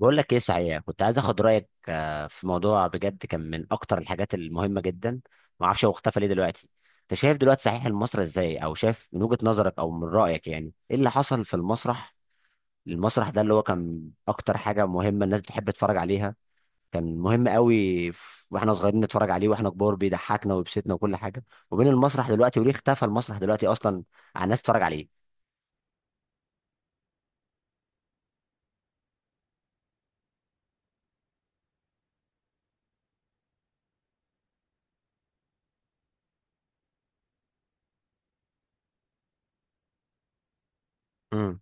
بقول لك ايه صحيح، كنت عايز اخد رايك. في موضوع بجد كان من اكتر الحاجات المهمه جدا. ما اعرفش هو اختفى ليه دلوقتي. انت شايف دلوقتي صحيح المسرح ازاي او شايف من وجهه نظرك او من رايك؟ يعني ايه اللي حصل في المسرح؟ المسرح ده اللي هو كان اكتر حاجه مهمه الناس بتحب تتفرج عليها، كان مهم قوي. واحنا صغيرين نتفرج عليه واحنا كبار بيضحكنا ويبسطنا وكل حاجه. وبين المسرح دلوقتي وليه اختفى المسرح دلوقتي اصلا على الناس تتفرج عليه. امم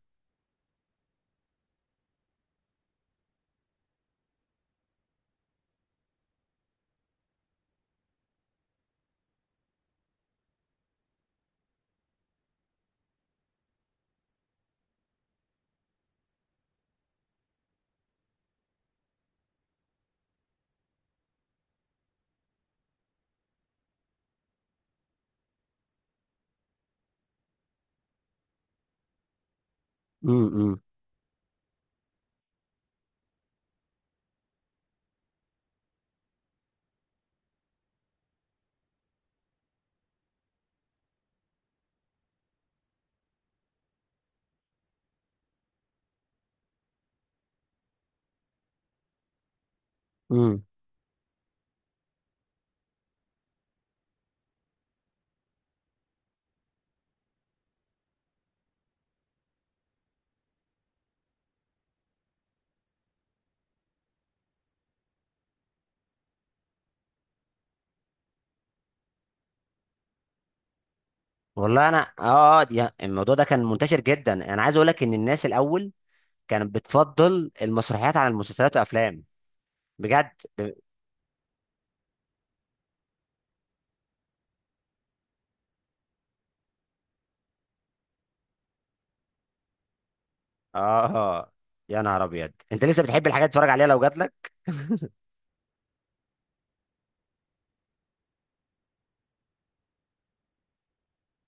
امم والله انا الموضوع ده كان منتشر جدا، انا عايز اقول لك ان الناس الاول كانت بتفضل المسرحيات عن المسلسلات والافلام بجد. ب- اه، يا نهار ابيض، انت لسه بتحب الحاجات تتفرج عليها لو جات لك؟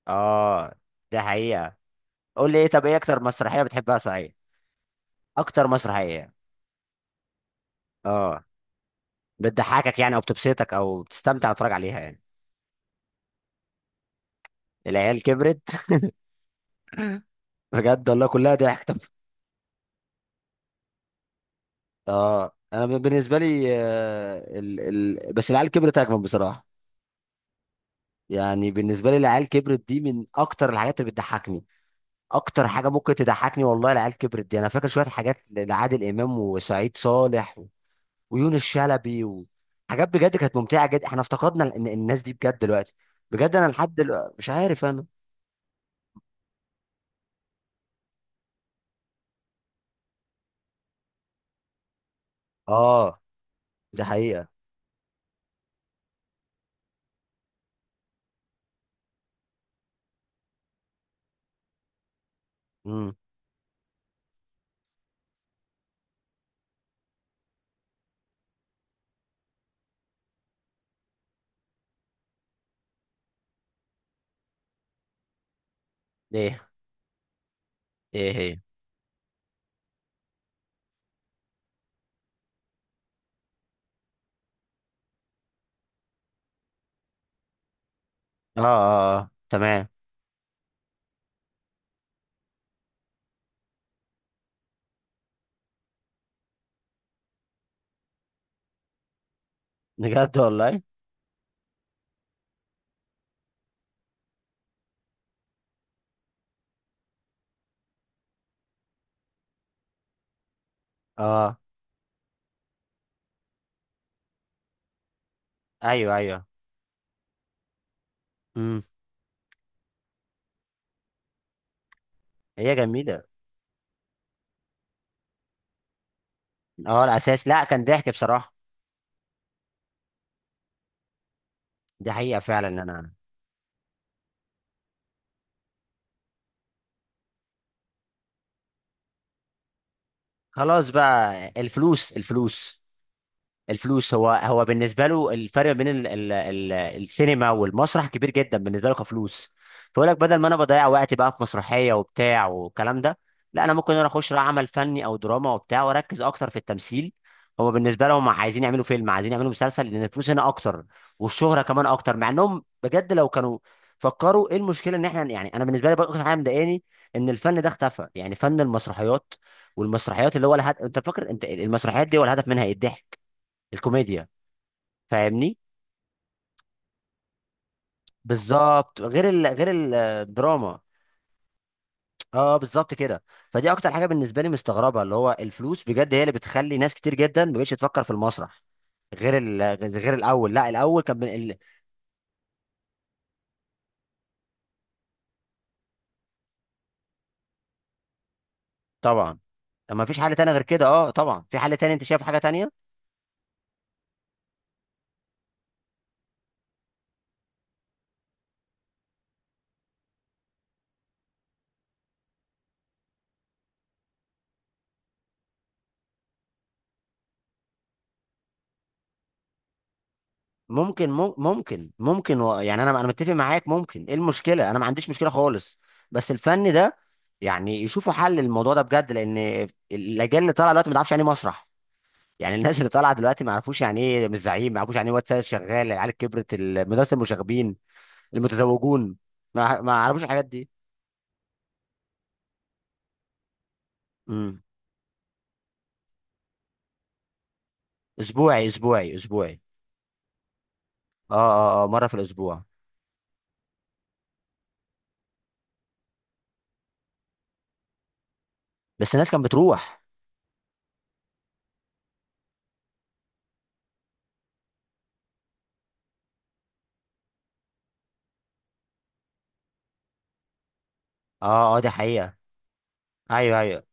اه، ده حقيقة. قول لي ايه، طب ايه اكتر مسرحية بتحبها صحيح؟ اكتر مسرحية؟ اه، بتضحكك يعني او بتبسطك او بتستمتع تتفرج عليها يعني؟ العيال كبرت. بجد والله كلها ضحك. طب اه، انا بالنسبة لي بس العيال كبرت اجمل بصراحة. يعني بالنسبه لي العيال كبرت دي من اكتر الحاجات اللي بتضحكني. اكتر حاجه ممكن تضحكني والله العيال كبرت دي. انا فاكر شويه حاجات لعادل امام وسعيد صالح ويونس شلبي وحاجات بجد كانت ممتعه جدا. احنا افتقدنا الناس دي بجد دلوقتي. بجد انا لحد دلوقتي مش عارف انا. اه، ده حقيقه. امم. ايه؟ ايه هي؟ اه اه اه، تمام. بجد والله. اه. ايوه ايوه. امم. هي جميله. اه، الاساس لا، كان ضحك بصراحه. دي حقيقه فعلا، انا. خلاص بقى، الفلوس الفلوس. الفلوس هو هو بالنسبه له الفرق بين ال السينما والمسرح كبير جدا بالنسبه له كفلوس. فيقول لك بدل ما انا بضيع وقتي بقى في مسرحيه وبتاع والكلام ده، لا انا ممكن اخش بقى عمل فني او دراما وبتاع واركز اكتر في التمثيل. هو بالنسبه لهم عايزين يعملوا فيلم، عايزين يعملوا مسلسل، لان الفلوس هنا اكتر والشهره كمان اكتر. مع انهم بجد لو كانوا فكروا، ايه المشكله ان احنا؟ يعني انا بالنسبه لي برضه اكتر حاجه مضايقاني ان الفن ده اختفى، يعني فن المسرحيات. والمسرحيات اللي هو الهدف، انت فاكر انت المسرحيات دي هو الهدف منها ايه؟ الضحك، الكوميديا. فاهمني؟ بالظبط، غير غير الدراما. اه بالظبط كده. فدي اكتر حاجه بالنسبه لي مستغربها، اللي هو الفلوس بجد هي اللي بتخلي ناس كتير جدا ما بقتش تفكر في المسرح، غير غير الاول. لا، الاول كان من طبعا. ما فيش حل تاني غير كده؟ اه طبعا في حل تاني. انت شايف حاجه تانية؟ ممكن مم- ممكن ممكن يعني، انا متفق معاك. ممكن. ايه المشكله؟ انا ما عنديش مشكله خالص بس الفن ده، يعني يشوفوا حل للموضوع ده بجد. لان الاجيال اللي طالعه دلوقتي ما تعرفش يعني إيه مسرح. يعني الناس اللي طالعه دلوقتي ما يعرفوش يعني ايه مش زعيم، ما يعرفوش يعني ايه واد سيد شغال، العيال كبرت، المدرسه المشاغبين، المتزوجون. ما ما يعرفوش الحاجات دي. امم. اسبوعي اسبوعي اسبوعي. اه اه اه، مره في الاسبوع. بس الناس كانت بتروح. اه اه، دي حقيقه. ايوه ايوه.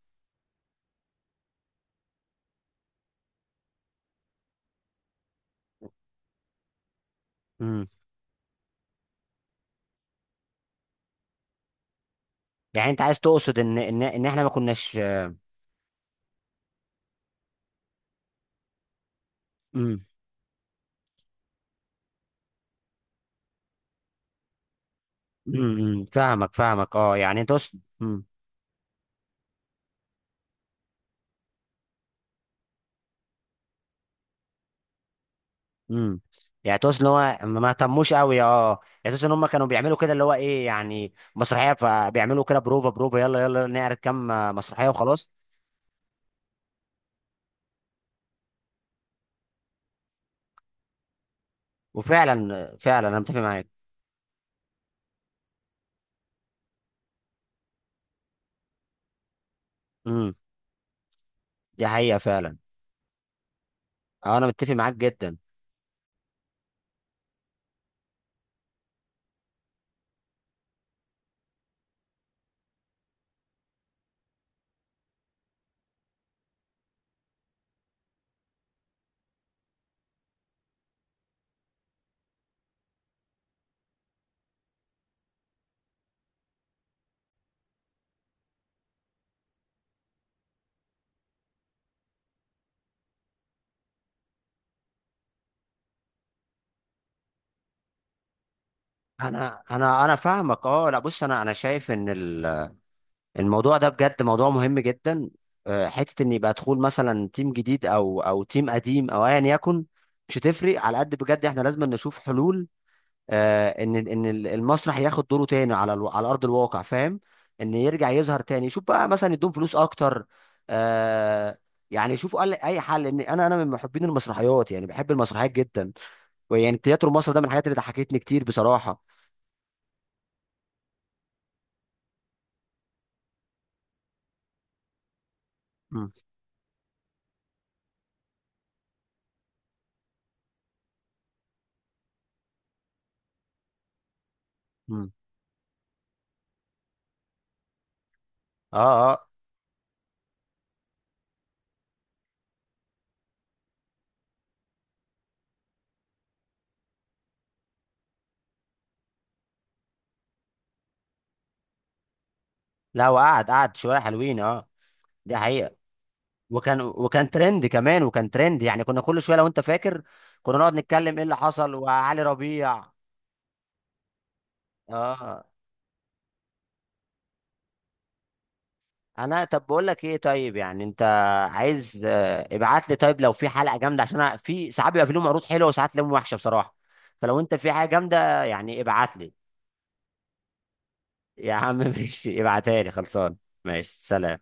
امم. يعني انت عايز تقصد ان احنا ما كناش. امم أمم. فاهمك فاهمك. اه، يعني انت تقصد. امم. يعني تقصد ان هو ما ما اهتموش قوي. اه، يعني تقصد ان هم كانوا بيعملوا كده اللي هو ايه، يعني مسرحيه فبيعملوا كده بروفا بروفا يلا يلا نعرض كام مسرحيه وخلاص. وفعلا فعلا انا متفق معاك. امم. دي حقيقه فعلا. اه انا متفق معاك جدا. انا فاهمك. اه لا بص، انا شايف ان الموضوع ده بجد موضوع مهم جدا. حته ان يبقى دخول مثلا تيم جديد او تيم قديم او ايا يكن مش هتفرق على قد بجد. احنا لازم نشوف حلول. ان المسرح ياخد دوره تاني على على ارض الواقع، فاهم؟ ان يرجع يظهر تاني، يشوف بقى مثلا يدوم فلوس اكتر. آه يعني يشوفوا اي حل. ان انا انا من محبين المسرحيات يعني بحب المسرحيات جدا. ويعني تياترو مصر ده من الحاجات اللي ضحكتني كتير بصراحه. مم. مم. اه اه، لا وقعد، قعد شويه حلوين. اه دي حقيقه. وكان ترند كمان، وكان ترند، يعني كنا كل شويه لو انت فاكر كنا نقعد نتكلم ايه اللي حصل وعلي ربيع. اه. انا طب بقول لك ايه، طيب يعني انت عايز ابعت لي طيب لو في حلقه جامده، عشان أنا في ساعات بيبقى في لهم عروض حلوه وساعات لهم وحشه بصراحه. فلو انت في حاجه جامده يعني ابعت لي. يا عم ماشي، ابعتها لي، خلصان. ماشي، سلام.